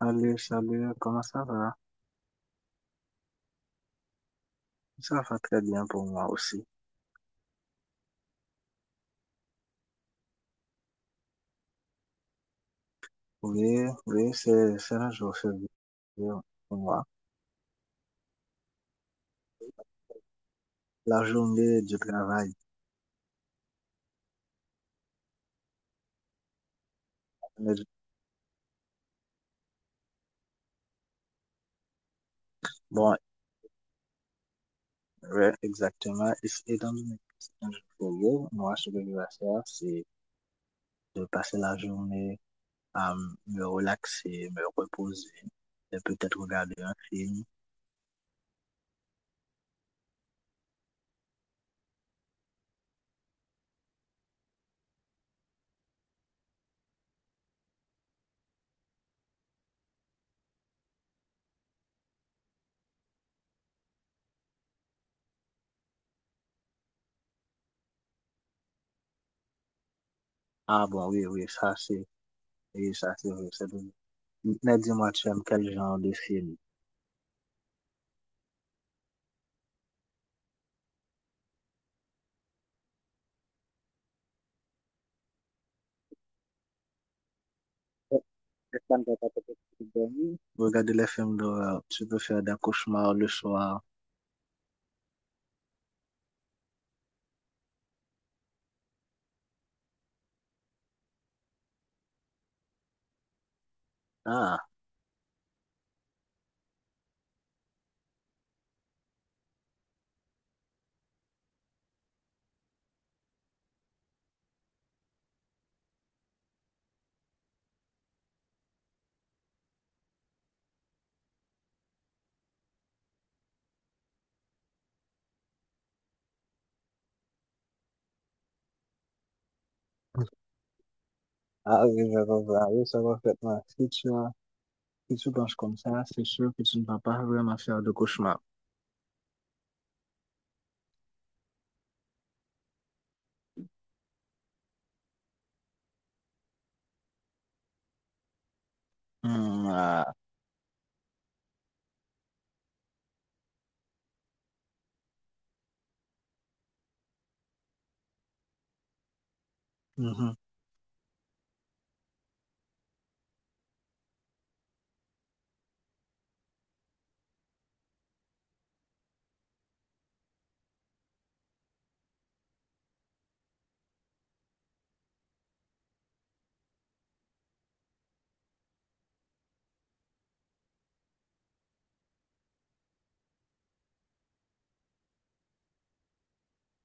Salut, salut, comment ça va? Ça va très bien pour moi aussi. Oui, oui, c'est un jour férié pour moi. La journée du travail. Mais bon, ouais, exactement. Et étant donné que c'est un jour férié, moi, ce que je vais faire, c'est de passer la journée à me relaxer, me reposer, et peut-être regarder un film. Ah bon, oui, oui, oui, ça c'est vrai. C'est bon. Mais dis-moi, tu aimes quel genre de film? J'espère que t'as pas peut-être dormi. Regarder les films d'horreur, tu peux faire des cauchemars le soir. Ah, ah oui, je comprends. Oui, ça va parfaitement. Si tu penses comme ça, c'est sûr que tu ne vas pas vraiment faire de cauchemar. Hmm, ah. Mhm.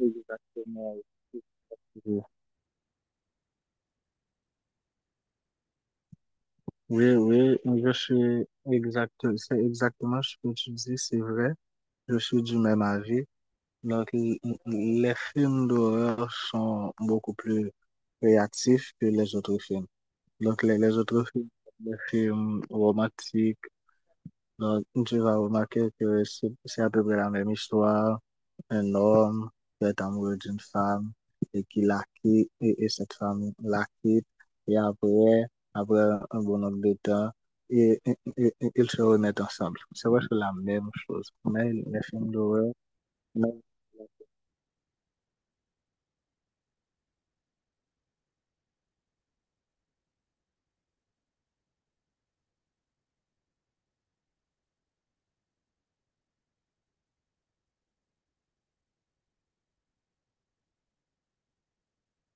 Exactement. Oui, oui, oui, c'est exactement ce que tu dis, c'est vrai. Je suis du même avis. Donc, les films d'horreur sont beaucoup plus créatifs que les autres films. Donc, les autres films, les films romantiques, donc, tu vas remarquer que c'est à peu près la même histoire. Un homme qui est amoureux d'une femme et qui la quitte, et, cette femme la quitte. Et après, après un bon nombre de temps, et ils se remettent ensemble. C'est vrai que c'est la même chose. Mais les films d'horreur, même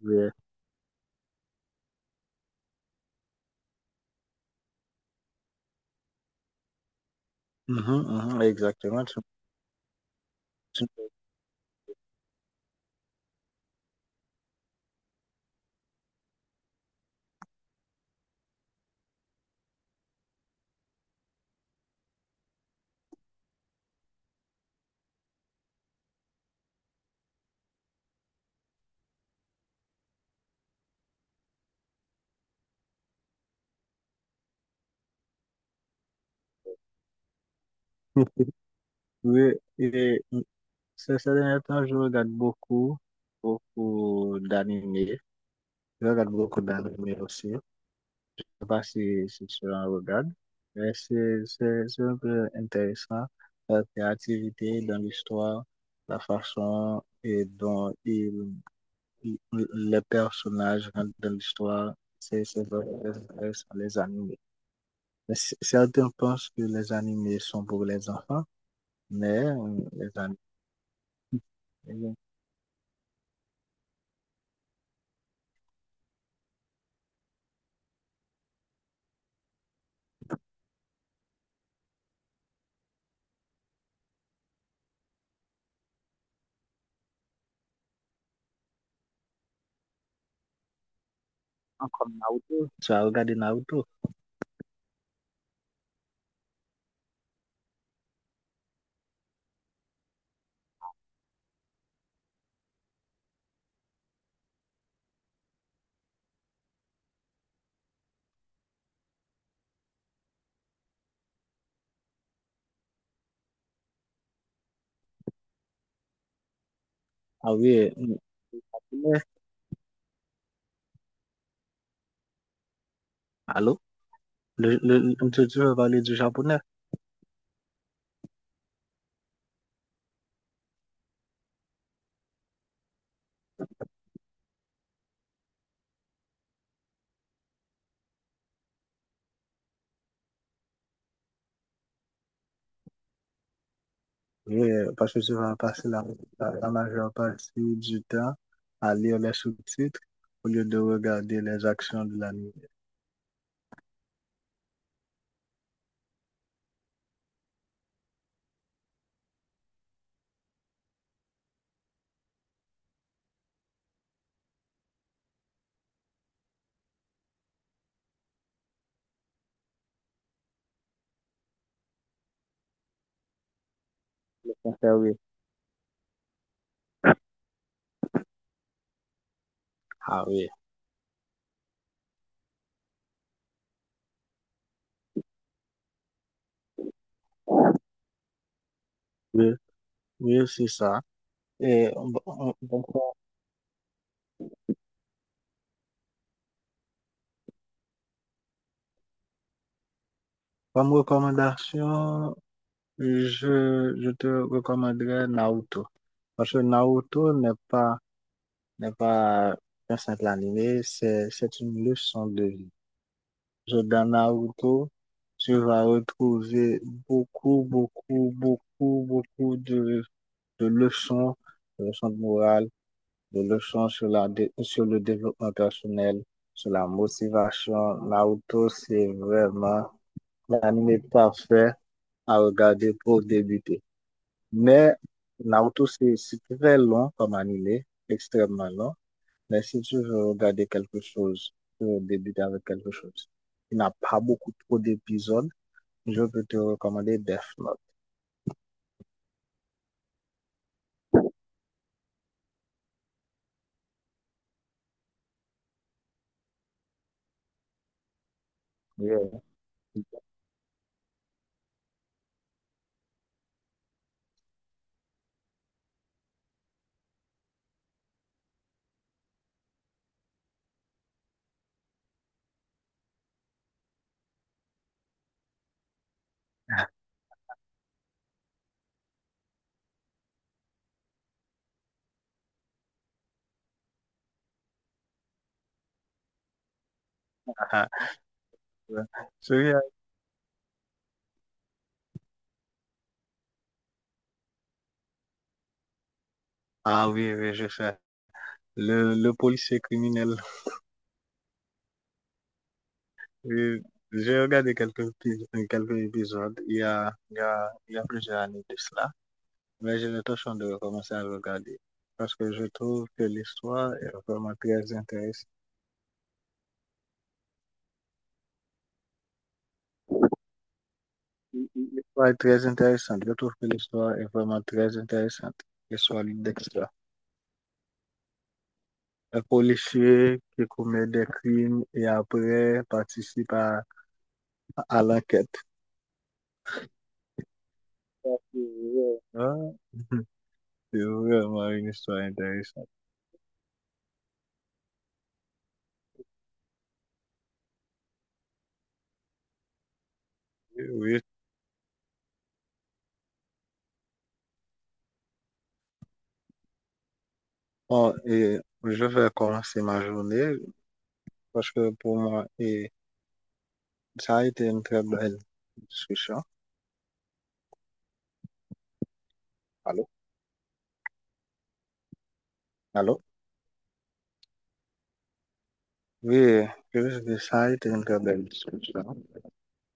les- mhm, mhm, exactement. Tu- Oui, et ces derniers temps, je regarde beaucoup, beaucoup d'animés. Je regarde beaucoup d'animés aussi. Je sais pas si, si tu en regardes, mais c'est un peu intéressant. La créativité dans l'histoire, la façon et dont il- les personnages rentrent dans l'histoire, c'est vraiment très intéressant, les animés. Mais certains pensent que les animés sont pour les enfants, mais les animés, comme Naruto, tu as regardé Naruto. Ah oui, euh, allô? Tu veux parler du japonais? Oui, parce que tu vas passer la majeure partie du temps à lire les sous-titres au lieu de regarder les actions de l'anime. Le français, oui. Ah oui, oui, oui, c'est ça. Et bon, bon, comme recommandation, je te recommanderais Naruto. Parce que Naruto n'est pas, n'est pas un simple animé, c'est une leçon de vie. Dans Naruto, tu vas retrouver beaucoup, beaucoup, beaucoup, beaucoup de leçons, de leçons de morale, de leçons sur la, dé- sur le développement personnel, sur la motivation. Naruto, c'est vraiment l'anime parfait à regarder pour débuter. Mais Naruto, c'est très long comme animé, extrêmement long. Mais si tu veux regarder quelque chose, tu veux débuter avec quelque chose. Il n'a pas beaucoup trop d'épisodes. Je peux te recommander Death Note. Oui. Ah, ouais. Celui-là. Ah oui, oui, je sais. Le policier criminel. Oui, j'ai regardé quelques épisodes il y a plusieurs années de cela, mais j'ai l'intention de recommencer à le regarder parce que je trouve que l'histoire est vraiment très intéressante. L'histoire est très intéressante. Je trouve que l'histoire est vraiment très intéressante. L'histoire de Dexter. Un policier qui commet des crimes et après participe à I like it. Ah, c'est vraiment une histoire intéressante. Oui. Bon, et je vais commencer ma journée parce que pour moi, et ça a été une très belle discussion. Allô? Allô? Oui, je veux dire, ça a été une très belle discussion.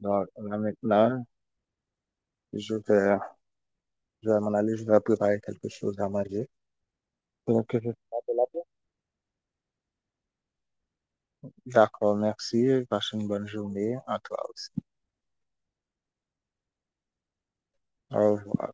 Donc, là, maintenant, je vais, je vais m'en aller, je vais préparer quelque chose à manger. Donc, te rappelle après. D'accord, merci. Passe une bonne journée à toi aussi. Au revoir.